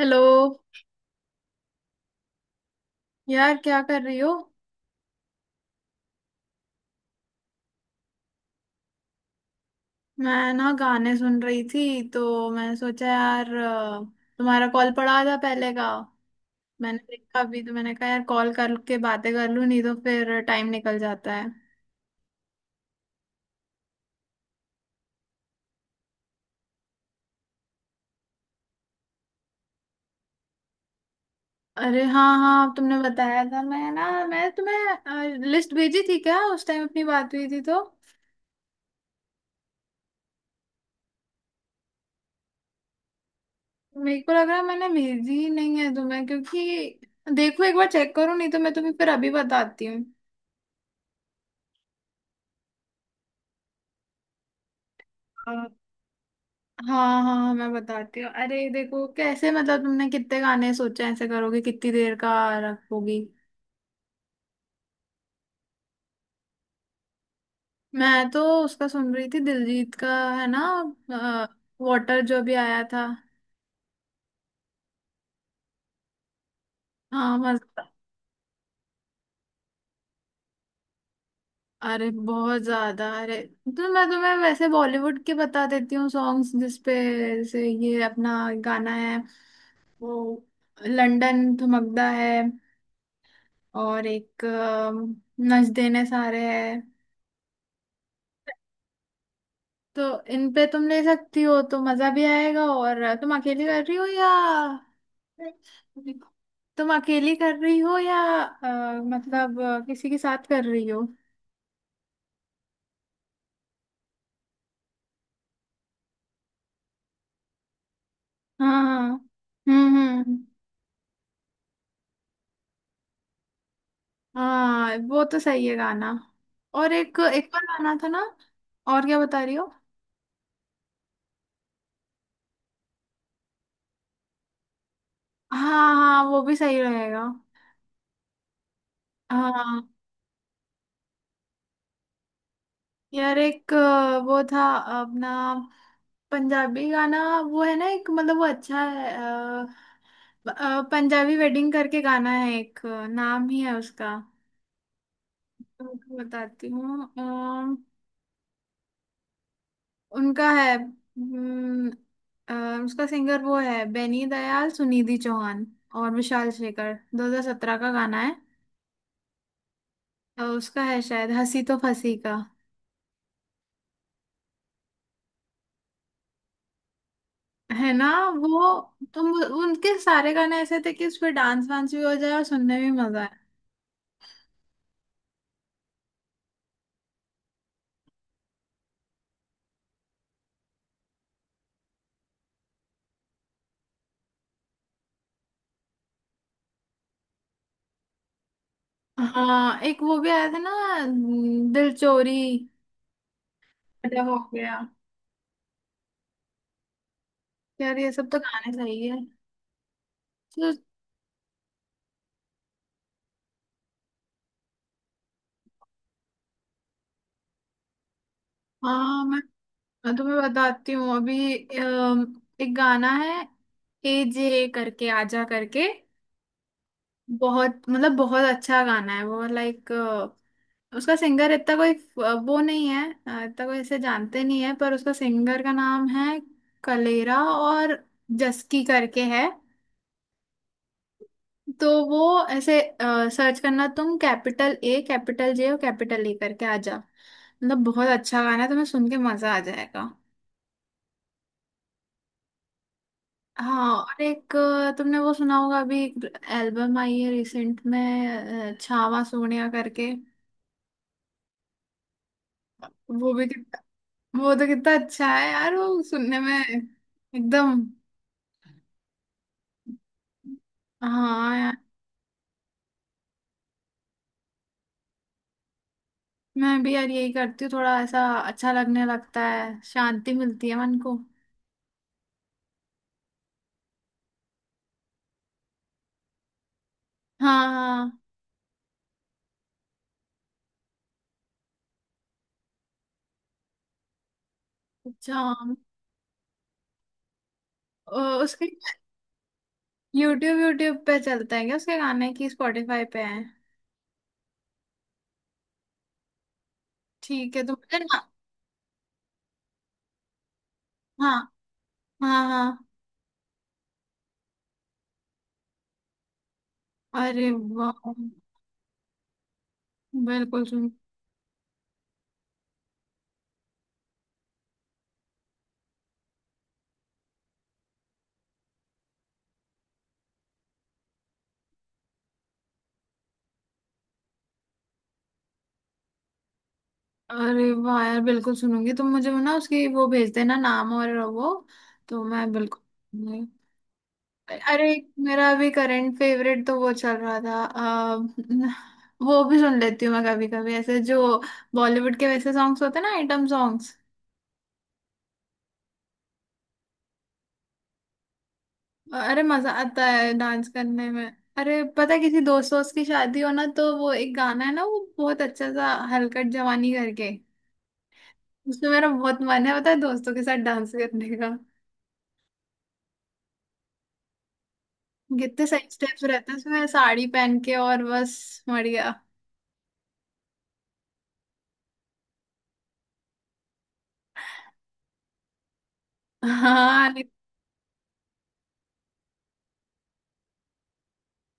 Hello. यार, क्या कर रही हो? मैं ना गाने सुन रही थी, तो मैंने सोचा यार तुम्हारा कॉल पड़ा था पहले का। मैंने देखा अभी, तो मैंने कहा यार कॉल करके बातें कर लूँ, नहीं तो फिर टाइम निकल जाता है। अरे हाँ हाँ, तुमने बताया था। मैं ना, मैं तुम्हें लिस्ट भेजी थी क्या उस टाइम, अपनी बात हुई थी तो? मेरे को लग रहा है मैंने भेजी ही नहीं है तुम्हें, क्योंकि देखो एक बार चेक करो, नहीं तो मैं तुम्हें फिर अभी बताती हूँ। हाँ हाँ हाँ, मैं बताती हूँ। अरे देखो, कैसे मतलब तुमने कितने गाने सोचे हैं, ऐसे करोगे? कितनी देर का रखोगी? मैं तो उसका सुन रही थी, दिलजीत का है ना, वाटर जो भी आया था। हाँ, मजा। अरे बहुत ज्यादा, अरे। तो मैं तुम्हें वैसे बॉलीवुड के बता देती हूँ सॉन्ग्स जिसपे। जैसे ये अपना गाना है वो, लंदन थमकदा है। और एक नच देने सारे है। तो इन पे तुम ले सकती हो, तो मजा भी आएगा। और तुम अकेली कर रही हो या तुम अकेली कर रही हो या मतलब किसी के साथ कर रही हो? हाँ हाँ। हम्म। हाँ वो तो सही है गाना। और एक एक और गाना था ना? और क्या बता रही हो? हाँ हाँ वो भी सही रहेगा। हाँ यार, एक वो था अपना पंजाबी गाना, वो है ना एक मतलब, वो अच्छा है। पंजाबी वेडिंग करके गाना है एक, नाम ही है उसका। आपको बताती हूँ। उनका है। उसका सिंगर वो है, बेनी दयाल, सुनिधि चौहान और विशाल शेखर। 2017 का गाना है। उसका है शायद हंसी तो फंसी का। है ना वो? तुम, उनके सारे गाने ऐसे थे कि उस पे डांस वांस भी हो जाए और सुनने में भी मजा। हाँ, एक वो भी आया था ना, दिल चोरी, अदा हो गया। यार ये सब तो गाने सही है तो। हाँ मैं तुम्हें बताती हूँ अभी। एक गाना है, ए जे करके, आजा करके, बहुत मतलब बहुत अच्छा गाना है वो, लाइक। उसका सिंगर इतना कोई वो नहीं है, इतना कोई इसे जानते नहीं है, पर उसका सिंगर का नाम है कलेरा और जस्की करके है। तो वो ऐसे सर्च करना तुम, कैपिटल ए कैपिटल जे और कैपिटल ए करके, आ जा। मतलब बहुत अच्छा गाना है, तुम्हें सुन के मजा आ जाएगा। हाँ, और एक तुमने वो सुना होगा अभी एल्बम आई है रिसेंट में, छावा सोनिया करके। वो भी कितना, वो तो कितना अच्छा है यार, वो सुनने में एकदम। हाँ यार। मैं भी यार यही करती हूँ, थोड़ा ऐसा अच्छा लगने लगता है, शांति मिलती है मन को। हाँ हाँ। अच्छा। ओ, उसके यूट्यूब यूट्यूब पे चलते हैं क्या उसके गाने? की स्पॉटिफाई पे हैं? ठीक है, तो मुझे ना। हाँ हाँ हाँ। अरे वाह, बिल्कुल सुन। अरे वाह यार, बिल्कुल सुनूंगी। तुम मुझे वो ना, उसकी वो भेज देना नाम और वो, तो मैं बिल्कुल सुनूंगी। अरे, मेरा अभी करंट फेवरेट तो वो चल रहा था। वो भी सुन लेती हूँ मैं कभी कभी, ऐसे जो बॉलीवुड के वैसे सॉन्ग्स होते हैं ना, आइटम सॉन्ग्स। अरे मजा आता है डांस करने में। अरे पता है, किसी दोस्त दोस्त की शादी हो ना, तो वो एक गाना है ना, वो बहुत अच्छा सा, हलकट जवानी करके। उसमें मेरा बहुत मन है पता है, दोस्तों के साथ डांस करने का। कितने सही स्टेप्स रहते हैं उसमें, साड़ी पहन के, और बस मर गया। हाँ नहीं-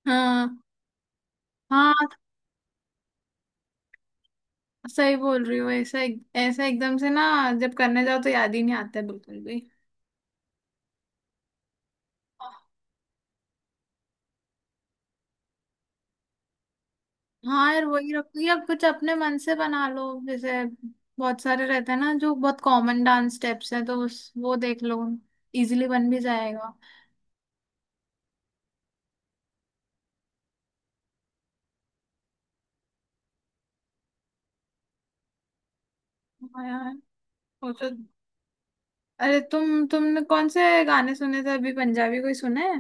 हाँ हाँ। सही बोल रही हो। ऐसा ऐसा एकदम से ना, जब करने जाओ तो याद ही नहीं आता है बिल्कुल भी। हाँ यार, वही रखती है। अब कुछ अपने मन से बना लो जैसे, बहुत सारे रहते हैं ना जो बहुत कॉमन डांस स्टेप्स हैं, तो उस वो देख लो, इजीली बन भी जाएगा। हाँ यार, वो तो। अरे तुमने कौन से गाने सुने थे अभी? पंजाबी कोई सुना है?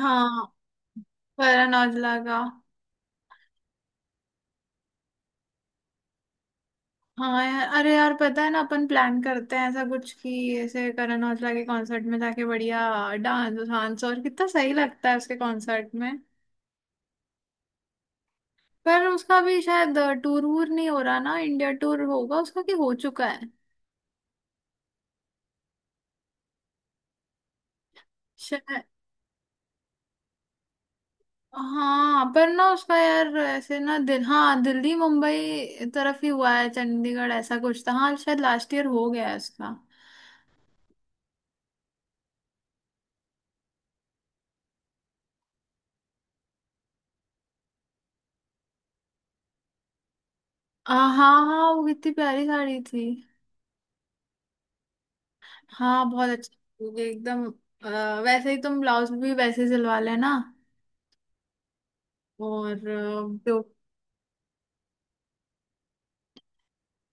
हाँ, करण औजला का। हाँ यार। अरे यार पता है ना, अपन प्लान करते हैं ऐसा कुछ कि ऐसे करण औजला के कॉन्सर्ट में जाके बढ़िया डांस वांस, और कितना सही लगता है उसके कॉन्सर्ट में। पर उसका भी शायद टूर वूर नहीं हो रहा ना? इंडिया टूर होगा उसका, कि हो चुका है शायद? हाँ पर ना, उसका यार ऐसे ना, दिल हाँ, दिल्ली मुंबई तरफ ही हुआ है, चंडीगढ़ ऐसा कुछ था। हाँ शायद लास्ट ईयर हो गया है उसका। हाँ हाँ, वो कितनी प्यारी साड़ी थी। हाँ बहुत अच्छी होगी एकदम। वैसे ही तुम ब्लाउज भी वैसे सिलवा लेना। और जो,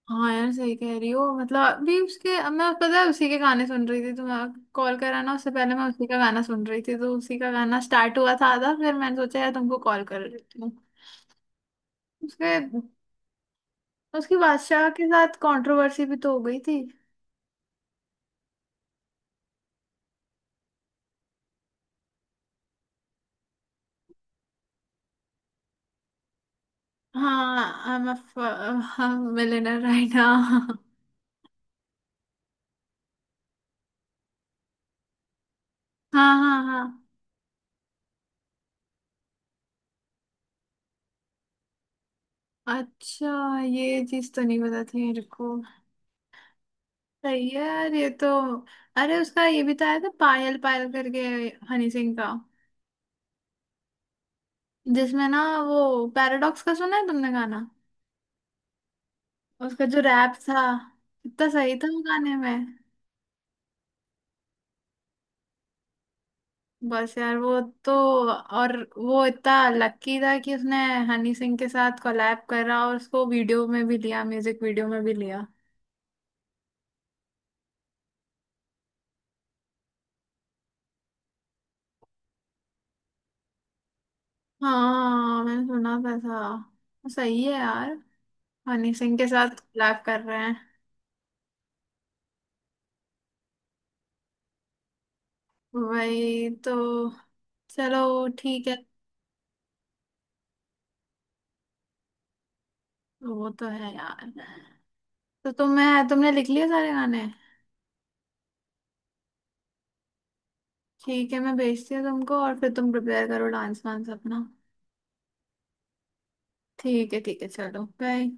हाँ यार सही कह रही हो। मतलब अभी उसके, अब मैं पता है उसी के गाने सुन रही थी तो मैं कॉल करा ना। उससे पहले मैं उसी का गाना सुन रही थी, तो उसी का गाना स्टार्ट हुआ था आधा, फिर मैंने सोचा यार तुमको कॉल कर लेती हूँ। उसके, उसकी बादशाह के साथ कंट्रोवर्सी भी तो हो गई थी। हाँ, I am uh millionaire, right ना? हाँ हाँ हाँ। अच्छा, ये चीज तो नहीं पता थी मेरे को। सही है यार ये तो। अरे, उसका ये भी तो आया था, पायल पायल करके, हनी सिंह का। जिसमें ना वो पैराडॉक्स का, सुना है तुमने गाना? उसका जो रैप था, इतना सही था वो गाने में। बस यार वो तो, और वो इतना लकी था कि उसने हनी सिंह के साथ कोलैब करा, और उसको वीडियो में भी लिया, म्यूजिक वीडियो में भी लिया। हाँ मैंने सुना था। सही है यार, हनी सिंह के साथ कोलैब कर रहे हैं। वही तो। चलो ठीक है। वो तो है यार। तो तुम्हें तुमने लिख लिए सारे गाने? ठीक है, मैं भेजती हूँ तुमको, और फिर तुम प्रिपेयर करो डांस वांस अपना। ठीक है ठीक है, चलो बाय।